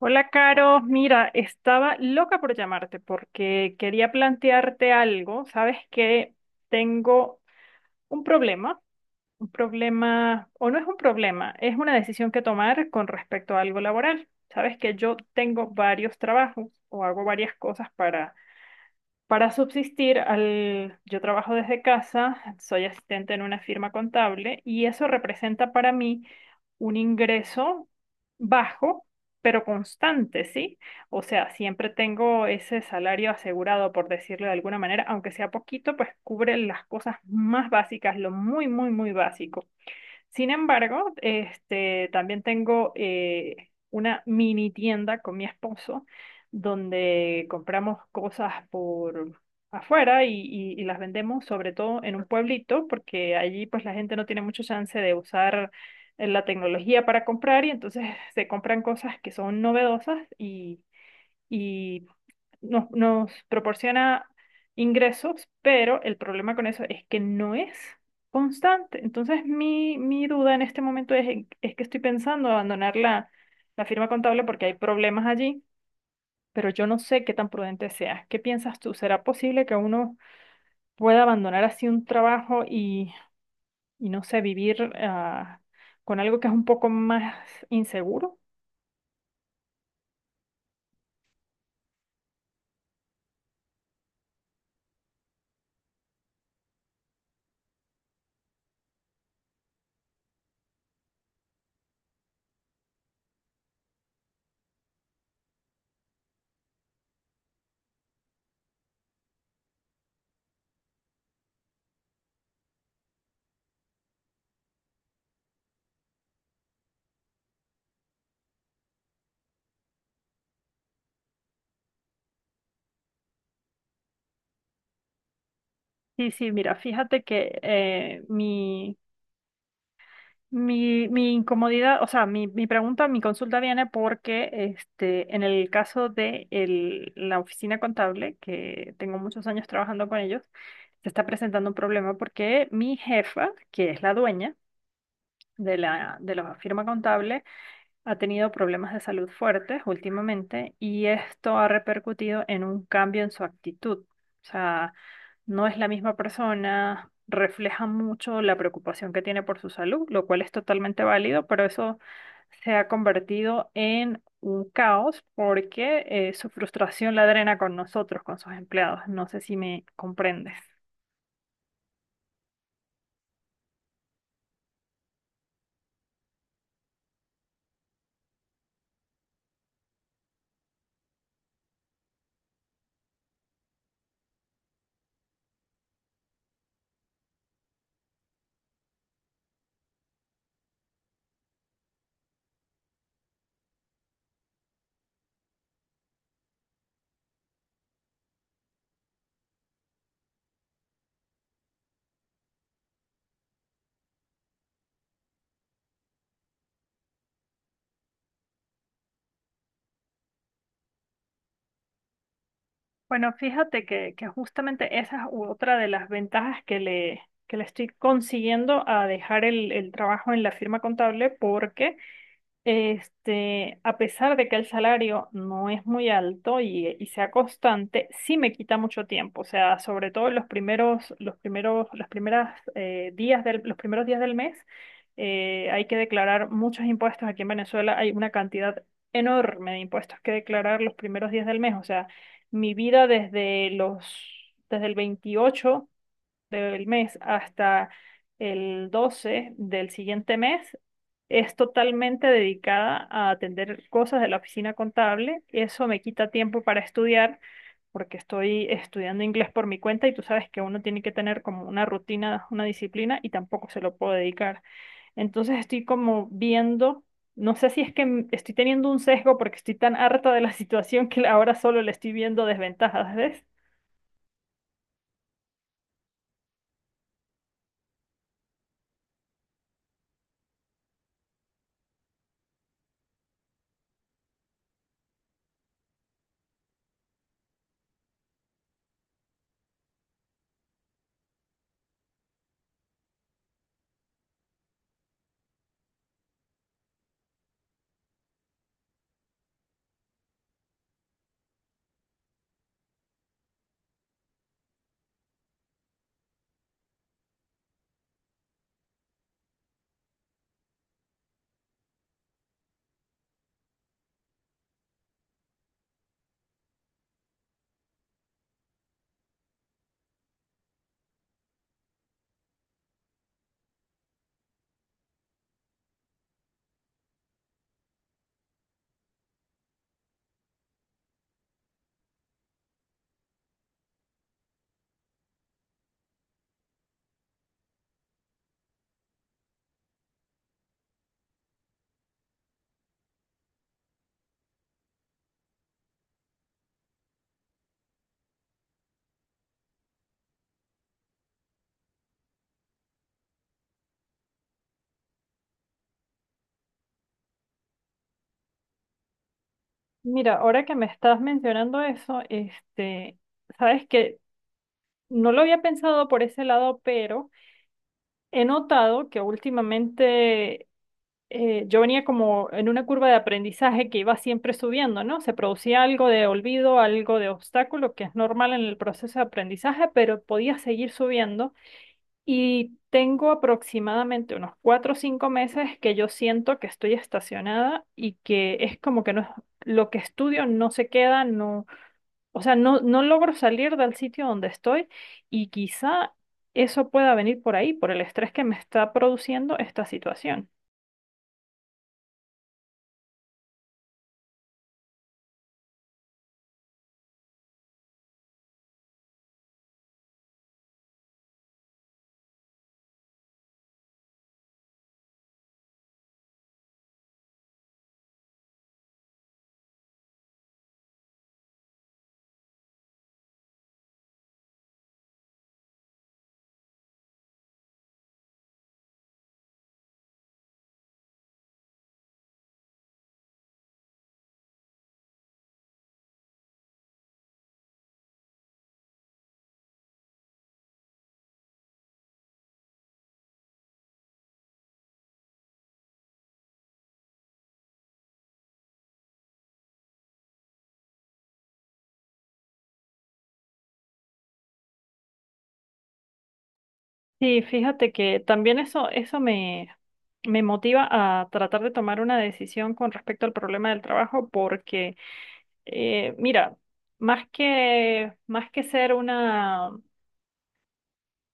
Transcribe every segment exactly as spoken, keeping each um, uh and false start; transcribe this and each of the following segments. Hola, Caro. Mira, estaba loca por llamarte porque quería plantearte algo. Sabes que tengo un problema, un problema, o no es un problema, es una decisión que tomar con respecto a algo laboral. Sabes que yo tengo varios trabajos o hago varias cosas para para subsistir, al... yo trabajo desde casa, soy asistente en una firma contable y eso representa para mí un ingreso bajo, pero constante, ¿sí? O sea, siempre tengo ese salario asegurado, por decirlo de alguna manera, aunque sea poquito, pues cubre las cosas más básicas, lo muy, muy, muy básico. Sin embargo, este, también tengo eh, una mini tienda con mi esposo donde compramos cosas por afuera y, y- y las vendemos sobre todo en un pueblito porque allí pues la gente no tiene mucho chance de usar eh, la tecnología para comprar y entonces se compran cosas que son novedosas y nos, nos proporciona ingresos, pero el problema con eso es que no es constante. Entonces, mi, mi duda en este momento es, en- es que estoy pensando abandonar la, la firma contable porque hay problemas allí, pero yo no sé qué tan prudente sea. ¿Qué piensas tú? ¿Será posible que uno pueda abandonar así un trabajo y, y no sé, vivir ah, con algo que es un poco más inseguro? Sí, sí, mira, fíjate que eh, mi, Mi, mi incomodidad, o sea, mi, mi pregunta, mi, consulta viene porque este, en el caso de el- la oficina contable, que tengo muchos años trabajando con ellos, se está presentando un problema porque mi jefa, que es la dueña de la, de la firma contable, ha tenido problemas de salud fuertes últimamente y esto ha repercutido en un cambio en su actitud. O sea, no es la misma persona, refleja mucho la preocupación que tiene por su salud, lo cual es totalmente válido, pero eso se ha convertido en un caos porque eh, su frustración la drena con nosotros, con sus empleados. No sé si me comprendes. Bueno, fíjate que, que justamente esa es otra de las ventajas que le, que le estoy consiguiendo a dejar el, el trabajo en la firma contable porque este, a pesar de que el salario no es muy alto y, y sea constante, sí me quita mucho tiempo. O sea, sobre todo en los primeros, los primeros, las primeras eh, días del, los primeros días del mes, eh, hay que declarar muchos impuestos. Aquí en Venezuela hay una cantidad enorme de impuestos que declarar los primeros días del mes. O sea, mi vida desde los, desde el veintiocho del mes hasta el doce del siguiente mes es totalmente dedicada a atender cosas de la oficina contable. Eso me quita tiempo para estudiar porque estoy estudiando inglés por mi cuenta y tú sabes que uno tiene que tener como una rutina, una disciplina y tampoco se lo puedo dedicar. Entonces estoy como viendo, no sé si es que m- estoy teniendo un sesgo porque estoy tan harta de la situación que ahora solo le estoy viendo desventajas, ¿ves? Mira, ahora que me estás mencionando eso, este, sabes que no lo había pensado por ese lado, pero he notado que últimamente eh, yo venía como en una curva de aprendizaje que iba siempre subiendo, ¿no? Se producía algo de olvido, algo de obstáculo, que es normal en el proceso de aprendizaje, pero podía seguir subiendo. Y tengo aproximadamente unos cuatro o cinco meses que yo siento que estoy estacionada y que es como que no, lo que estudio no se queda, no, o sea, no, no logro salir del sitio donde estoy y quizá eso pueda venir por ahí, por el estrés que me está produciendo esta situación. Sí, fíjate que también eso, eso me, me motiva a tratar de tomar una decisión con respecto al problema del trabajo porque eh, mira, más que, más que ser una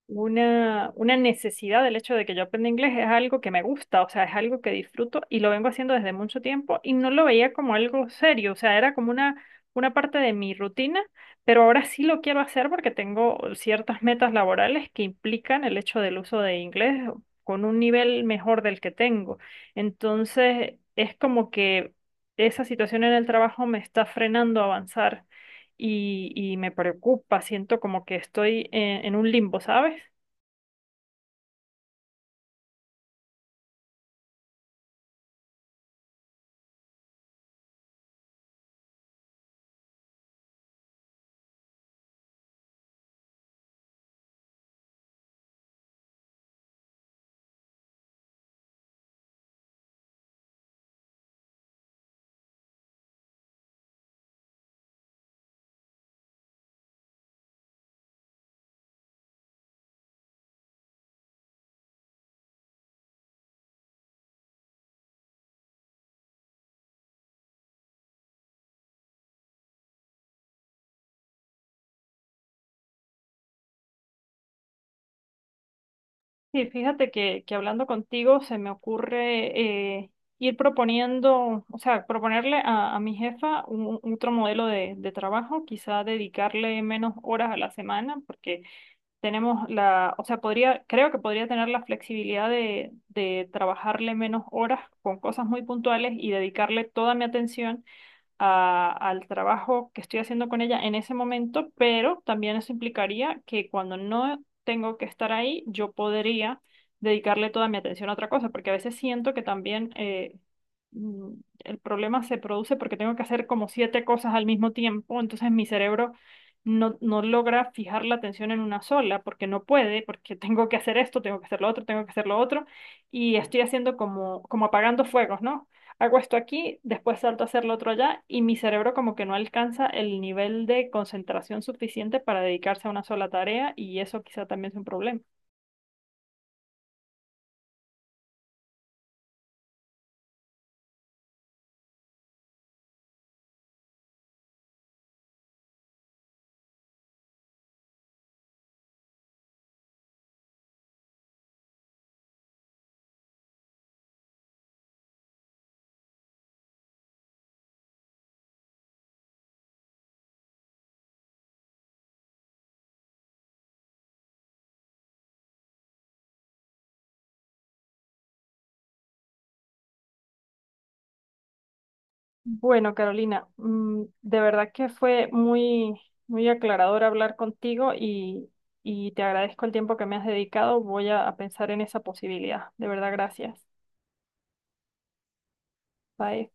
una, una necesidad del hecho de que yo aprenda inglés, es algo que me gusta, o sea, es algo que disfruto y lo vengo haciendo desde mucho tiempo y no lo veía como algo serio, o sea, era como una, una parte de mi rutina, pero ahora sí lo quiero hacer porque tengo ciertas metas laborales que implican el hecho del uso de inglés con un nivel mejor del que tengo. Entonces, es como que esa situación en el trabajo me está frenando a avanzar y, y me preocupa, siento como que estoy en, en un limbo, ¿sabes? Sí, fíjate que, que hablando contigo se me ocurre eh, ir proponiendo, o sea, proponerle a, a mi jefa un, un otro modelo de, de trabajo, quizá dedicarle menos horas a la semana, porque tenemos la, o sea, podría, creo que podría tener la flexibilidad de, de trabajarle menos horas con cosas muy puntuales y dedicarle toda mi atención a- al trabajo que estoy haciendo con ella en ese momento, pero también eso implicaría que cuando no tengo que estar ahí, yo podría dedicarle toda mi atención a otra cosa, porque a veces siento que también eh, mm, el problema se produce porque tengo que hacer como siete cosas al mismo tiempo, entonces mi cerebro no, no logra fijar la atención en una sola, porque no puede, porque tengo que hacer esto, tengo que hacer lo otro, tengo que hacer lo otro, y estoy haciendo como, como apagando fuegos, ¿no? Hago esto aquí, después salto a hacer lo otro allá y mi cerebro como que no alcanza el nivel de concentración suficiente para dedicarse a una sola tarea y eso quizá también es un problema. Bueno, Carolina, mm, de verdad que fue muy, muy aclarador hablar contigo y, y te agradezco el tiempo que me has dedicado. Voy a a pensar en esa posibilidad. De verdad, gracias. Bye.